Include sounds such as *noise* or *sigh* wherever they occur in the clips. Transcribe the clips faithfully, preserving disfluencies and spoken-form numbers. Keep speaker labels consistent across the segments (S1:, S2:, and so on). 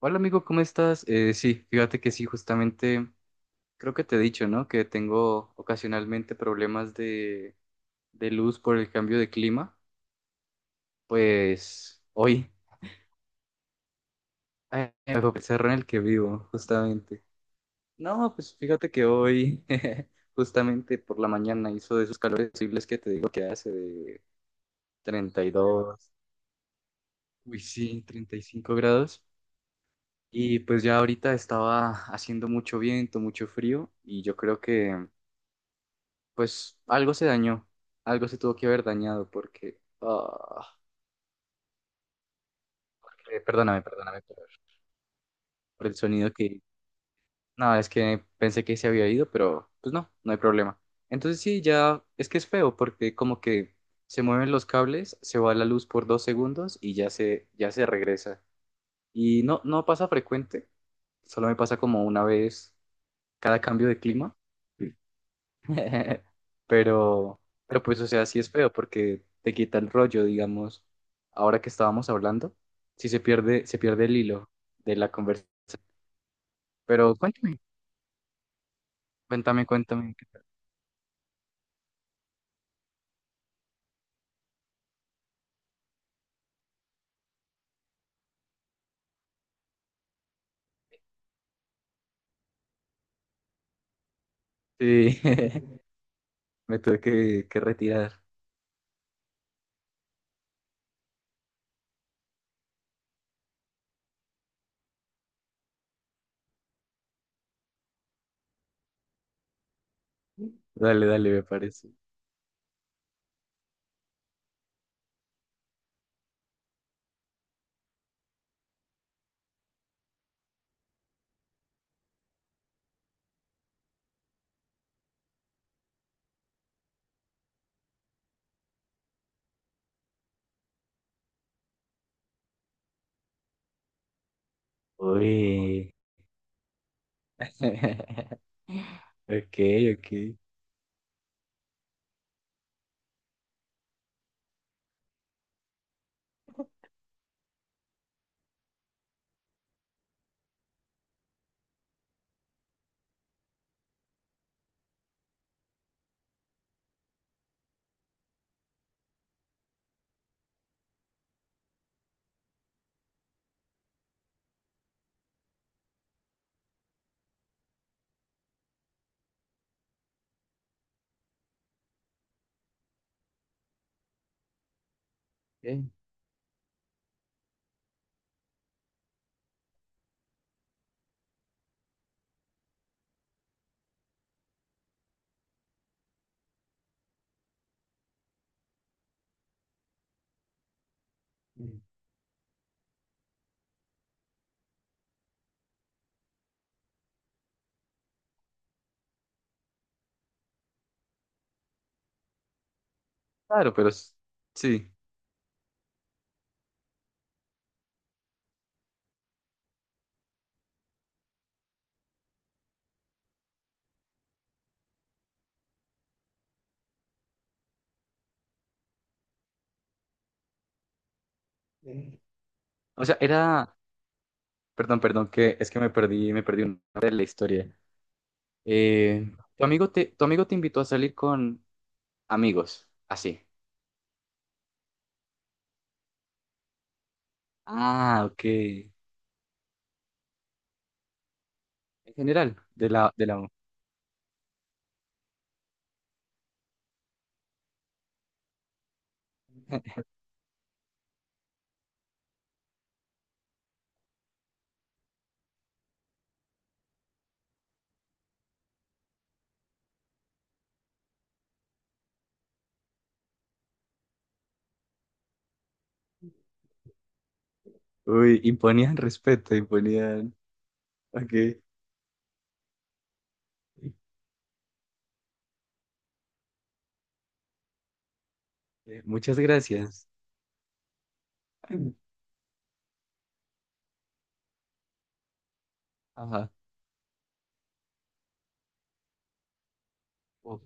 S1: Hola amigo, ¿cómo estás? Eh, sí, fíjate que sí, justamente creo que te he dicho, ¿no? Que tengo ocasionalmente problemas de, de luz por el cambio de clima. Pues hoy eh, me tocó el cerro en el que vivo, justamente. No, pues fíjate que hoy, *laughs* justamente por la mañana, hizo de esos calores horribles que te digo que hace de treinta y dos. Uy, sí, treinta y cinco grados. Y pues ya ahorita estaba haciendo mucho viento, mucho frío, y yo creo que. Pues algo se dañó, algo se tuvo que haber dañado porque ah, eh, perdóname, perdóname por, por el sonido que. No, es que pensé que se había ido, pero pues no, no hay problema. Entonces sí, ya es que es feo porque como que se mueven los cables, se va la luz por dos segundos y ya se, ya se regresa. Y no, no pasa frecuente, solo me pasa como una vez cada cambio de clima. *laughs* Pero, pero pues, o sea, sí es feo porque te quita el rollo, digamos, ahora que estábamos hablando, sí se pierde, se pierde el hilo de la conversación. Pero cuéntame, cuéntame, cuéntame. ¿Qué tal? Sí, *laughs* me tuve que, que retirar. Dale, dale, me parece. Uy. *laughs* Ok, ok. Bien. Claro, pero s- sí. O sea, era, perdón, perdón, que es que me perdí, me perdí una parte de la historia. Eh, tu amigo te, tu amigo te invitó a salir con amigos, así. Ah, ok. En general, de la, de la... Uy, imponían respeto, imponían. Ok. Eh, Muchas gracias. Ajá. Oh.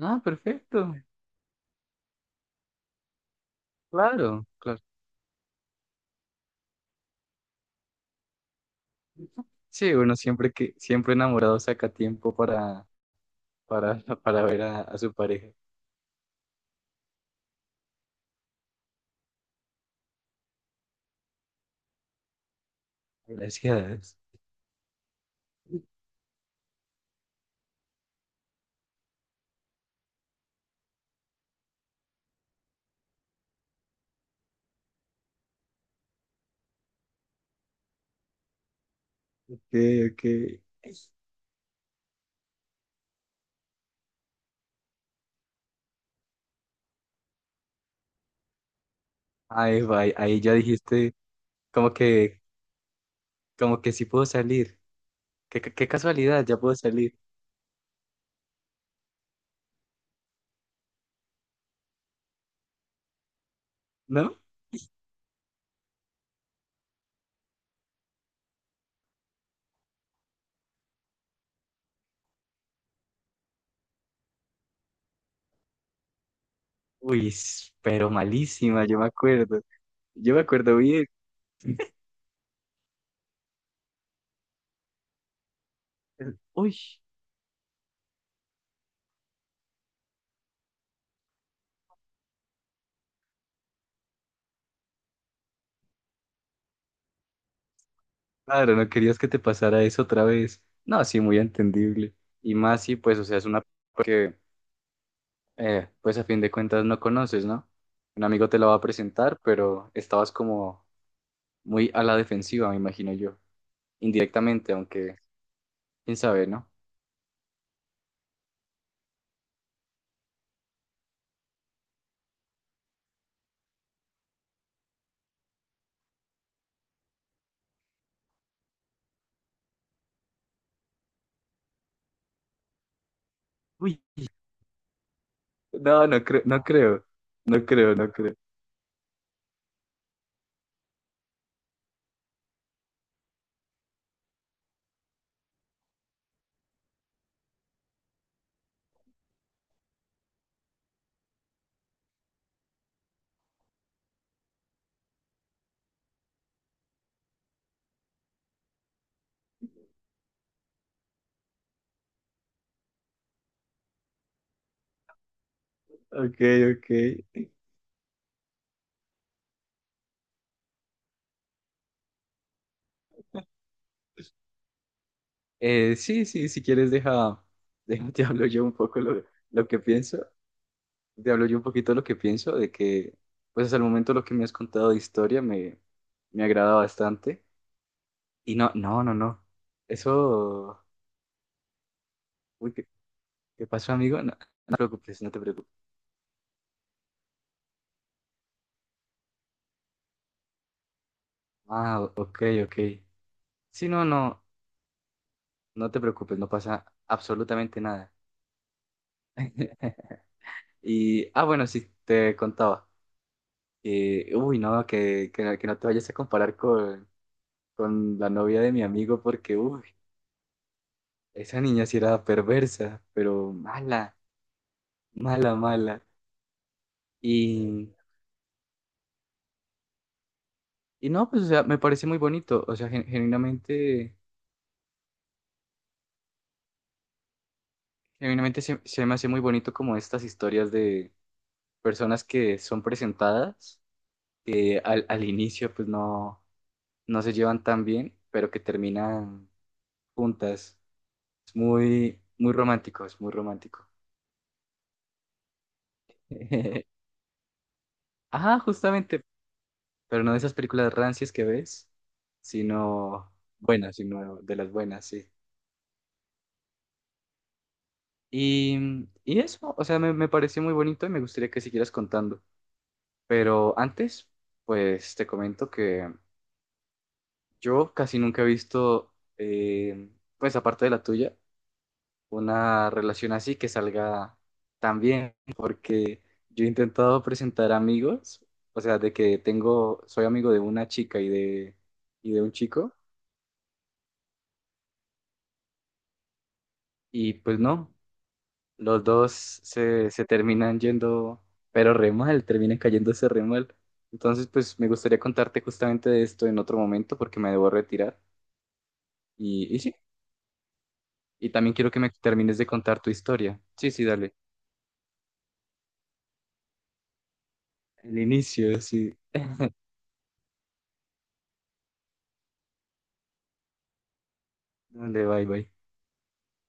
S1: Ah, perfecto. Claro, claro. Sí, bueno, siempre que, siempre enamorado saca tiempo para, para, *laughs* para ver a, a su pareja. Gracias. Ok, ok. Ahí va, ahí ya dijiste como que Como que sí puedo salir. Qué, qué casualidad, ya puedo salir, ¿no? Uy, s- pero malísima, yo me acuerdo. Yo me acuerdo bien. Uy, claro, no querías que te pasara eso otra vez. No, sí, muy entendible. Y más si, pues, o sea, es una persona que, eh, pues, a fin de cuentas no conoces, ¿no? Un amigo te la va a presentar, pero estabas como muy a la defensiva, me imagino yo. Indirectamente, aunque, quién sabe, ¿no? Uy, no, no creo, no creo. No creo, no creo. Ok, ok. Eh, sí, sí, si quieres, deja, *laughs* deja- te hablo yo un poco lo, lo que pienso, te hablo yo un poquito lo que pienso, de que, pues hasta el momento lo que me has contado de historia me, me agrada bastante. Y no, no, no, no, eso, uy, ¿qué, qué pasó, amigo? No, no te preocupes, no te preocupes. Ah, o- ok, ok. Sí, no, no, no te preocupes, no pasa absolutamente nada. *laughs* Y, ah, bueno, sí, te contaba. Eh, uy, no, que, que, que no te vayas a comparar con la novia de mi amigo porque, uy, esa niña sí era perversa, pero mala, mala, mala. Y, y no, pues, o sea, me parece muy bonito, o sea, gen- genuinamente, genuinamente, se, se me hace muy bonito como estas historias de personas que son presentadas, que al, al inicio pues no, no se llevan tan bien, pero que terminan juntas. Es muy, muy romántico, es muy romántico. *laughs* Ajá, justamente, pero no de esas películas rancias que ves, sino buenas, sino de las buenas, sí. Y, mm, y eso, o sea, me, me pareció muy bonito y me gustaría que siguieras contando. Pero antes, pues te comento que yo casi nunca he visto, eh, pues aparte de la tuya, una relación así que salga tan bien, porque yo he intentado presentar amigos, o sea, de que tengo, soy amigo de una chica y de, y de un chico, y pues no. Los dos se, se terminan yendo, pero re mal, terminan cayéndose re mal. Entonces, pues me gustaría contarte justamente de esto en otro momento porque me debo retirar. Y, y sí, y también quiero que me termines de contar tu historia. Sí, sí, dale. El inicio, sí. Dale, bye, bye.